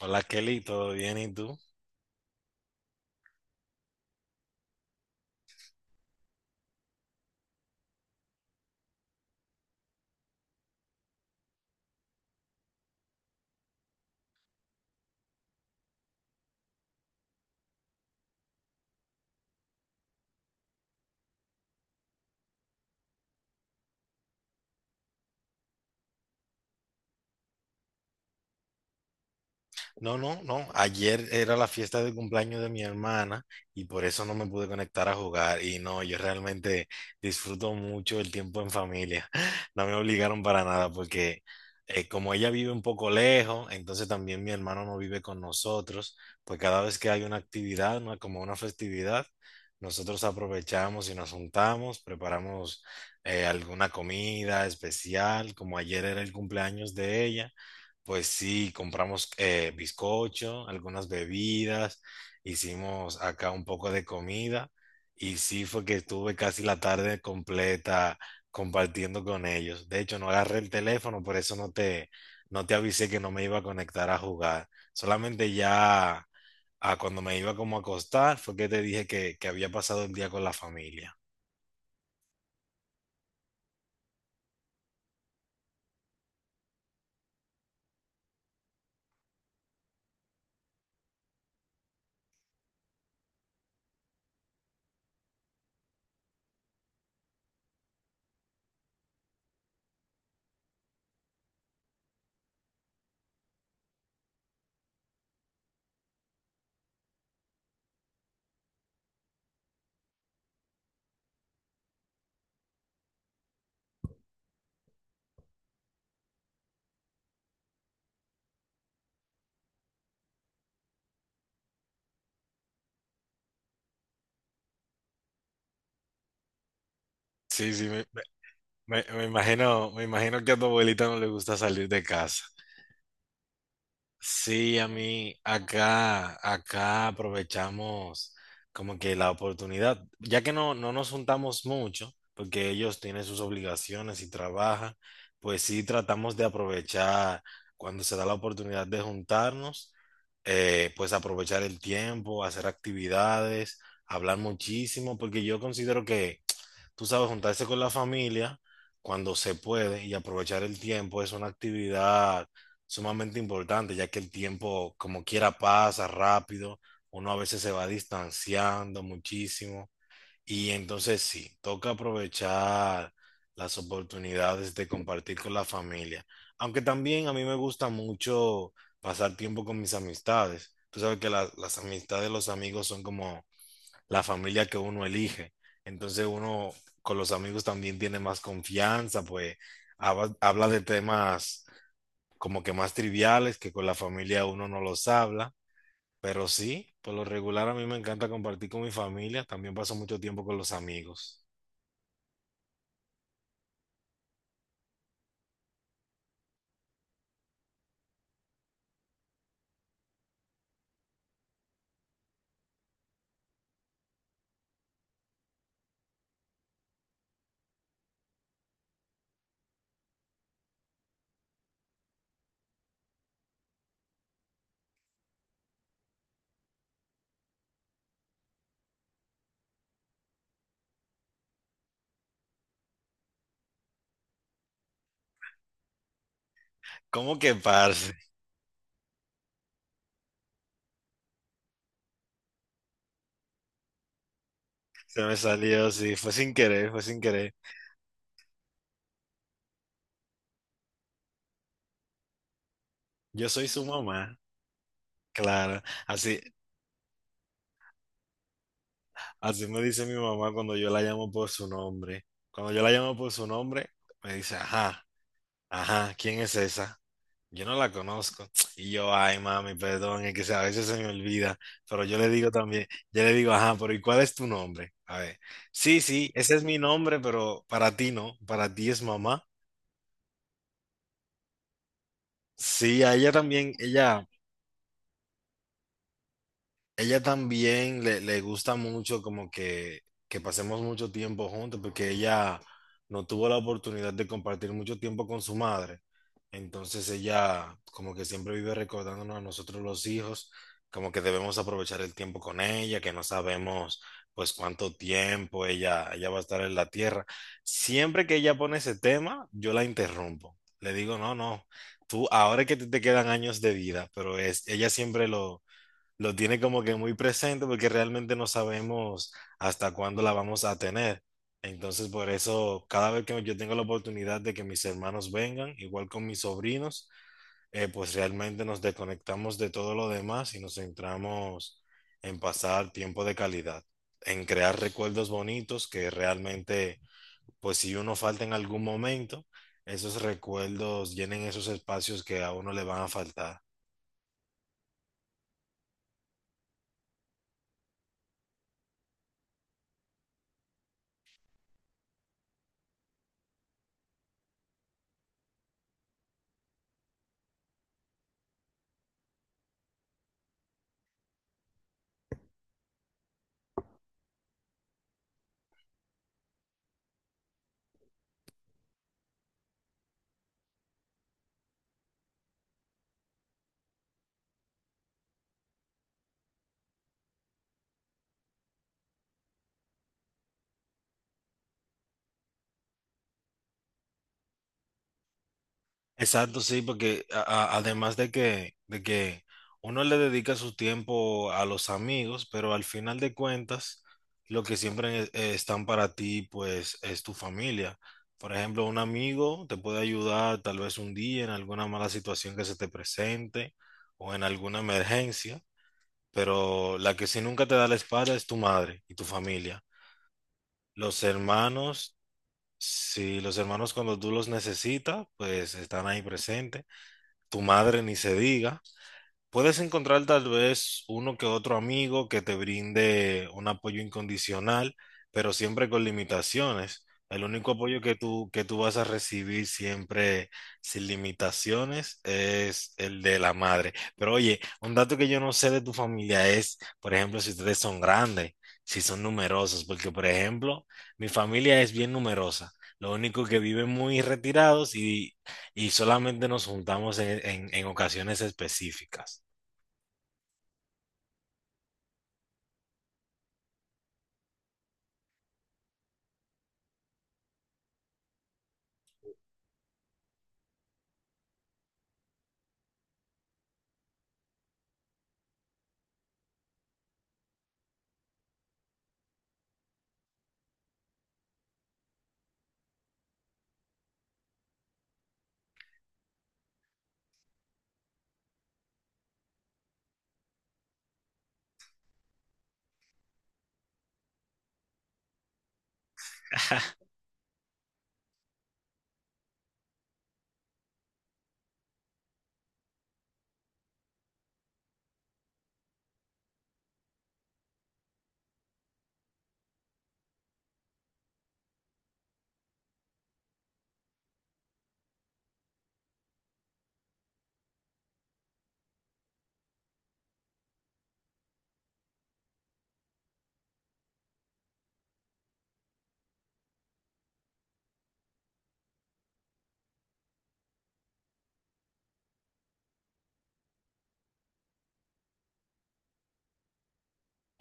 Hola Kelly, ¿todo bien? ¿Y tú? No, no, no. Ayer era la fiesta de cumpleaños de mi hermana y por eso no me pude conectar a jugar. Y no, yo realmente disfruto mucho el tiempo en familia. No me obligaron para nada porque como ella vive un poco lejos, entonces también mi hermano no vive con nosotros, pues cada vez que hay una actividad, ¿no? Como una festividad, nosotros aprovechamos y nos juntamos, preparamos alguna comida especial, como ayer era el cumpleaños de ella. Pues sí, compramos bizcocho, algunas bebidas, hicimos acá un poco de comida y sí fue que estuve casi la tarde completa compartiendo con ellos. De hecho, no agarré el teléfono, por eso no te avisé que no me iba a conectar a jugar. Solamente ya a cuando me iba como a acostar fue que te dije que había pasado el día con la familia. Sí, sí, me imagino que a tu abuelita no le gusta salir de casa. Sí, a mí acá aprovechamos como que la oportunidad, ya que no nos juntamos mucho, porque ellos tienen sus obligaciones y trabajan, pues sí tratamos de aprovechar cuando se da la oportunidad de juntarnos. Pues aprovechar el tiempo, hacer actividades, hablar muchísimo, porque yo considero que, tú sabes, juntarse con la familia cuando se puede y aprovechar el tiempo es una actividad sumamente importante, ya que el tiempo como quiera pasa rápido, uno a veces se va distanciando muchísimo y entonces sí, toca aprovechar las oportunidades de compartir con la familia, aunque también a mí me gusta mucho pasar tiempo con mis amistades. Tú sabes que las amistades, los amigos son como la familia que uno elige. Entonces uno con los amigos también tiene más confianza, pues habla de temas como que más triviales que con la familia uno no los habla, pero sí, por lo regular a mí me encanta compartir con mi familia, también paso mucho tiempo con los amigos. ¿Cómo que parce? Se me salió, sí, fue sin querer, fue sin querer. Yo soy su mamá, claro. Así, así me dice mi mamá cuando yo la llamo por su nombre. Cuando yo la llamo por su nombre, me dice, ajá. Ajá, ¿quién es esa? Yo no la conozco. Y yo, ay, mami, perdón, es que a veces se me olvida, pero yo le digo también, yo le digo, ajá, pero ¿y cuál es tu nombre? A ver, sí, sí, ese es mi nombre, pero para ti no, para ti es mamá. Sí, a ella también. Ella también le gusta mucho como que pasemos mucho tiempo juntos porque ella no tuvo la oportunidad de compartir mucho tiempo con su madre. Entonces ella como que siempre vive recordándonos a nosotros los hijos, como que debemos aprovechar el tiempo con ella, que no sabemos pues cuánto tiempo ella va a estar en la tierra. Siempre que ella pone ese tema, yo la interrumpo. Le digo, no, no, tú ahora es que te quedan años de vida, pero es, ella siempre lo tiene como que muy presente porque realmente no sabemos hasta cuándo la vamos a tener. Entonces, por eso, cada vez que yo tengo la oportunidad de que mis hermanos vengan, igual con mis sobrinos, pues realmente nos desconectamos de todo lo demás y nos centramos en pasar tiempo de calidad, en crear recuerdos bonitos que realmente, pues si uno falta en algún momento, esos recuerdos llenen esos espacios que a uno le van a faltar. Exacto, sí, porque además de que, uno le dedica su tiempo a los amigos, pero al final de cuentas, lo que siempre están para ti, pues, es tu familia. Por ejemplo, un amigo te puede ayudar tal vez un día en alguna mala situación que se te presente o en alguna emergencia, pero la que si nunca te da la espalda es tu madre y tu familia. Los hermanos, si los hermanos cuando tú los necesitas, pues están ahí presentes. Tu madre ni se diga. Puedes encontrar tal vez uno que otro amigo que te brinde un apoyo incondicional, pero siempre con limitaciones. El único apoyo que que tú vas a recibir siempre sin limitaciones es el de la madre. Pero oye, un dato que yo no sé de tu familia es, por ejemplo, si ustedes son grandes, si son numerosos, porque por ejemplo, mi familia es bien numerosa. Lo único que viven muy retirados y solamente nos juntamos en en ocasiones específicas.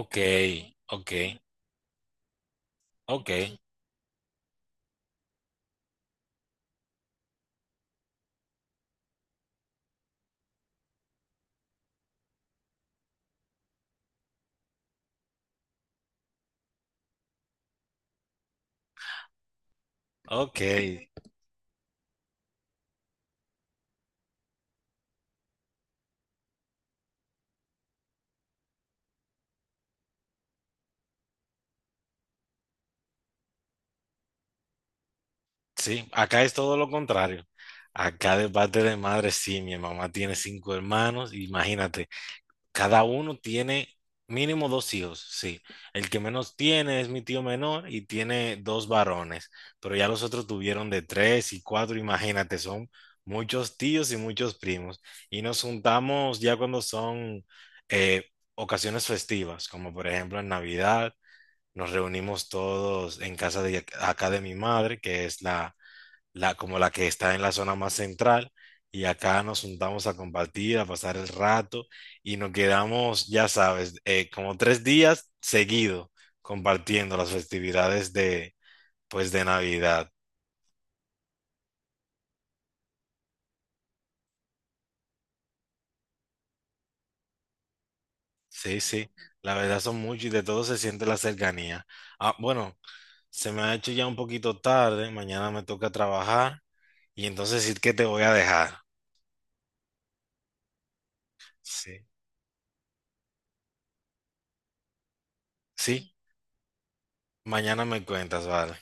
Ok, ok, ok, ok. Sí, acá es todo lo contrario. Acá de parte de madre, sí, mi mamá tiene cinco hermanos, imagínate, cada uno tiene mínimo dos hijos, sí. El que menos tiene es mi tío menor y tiene dos varones, pero ya los otros tuvieron de tres y cuatro, imagínate, son muchos tíos y muchos primos. Y nos juntamos ya cuando son eh, ocasiones festivas, como por ejemplo en Navidad. Nos reunimos todos en casa de acá de mi madre, que es la como la que está en la zona más central, y acá nos juntamos a compartir, a pasar el rato, y nos quedamos, ya sabes, como 3 días seguidos compartiendo las festividades de, pues, de Navidad. Sí, sí, la verdad son muchos y de todo se siente la cercanía. Ah, bueno, se me ha hecho ya un poquito tarde, mañana me toca trabajar, y entonces sí que te voy a dejar. Sí, sí. Mañana me cuentas, vale.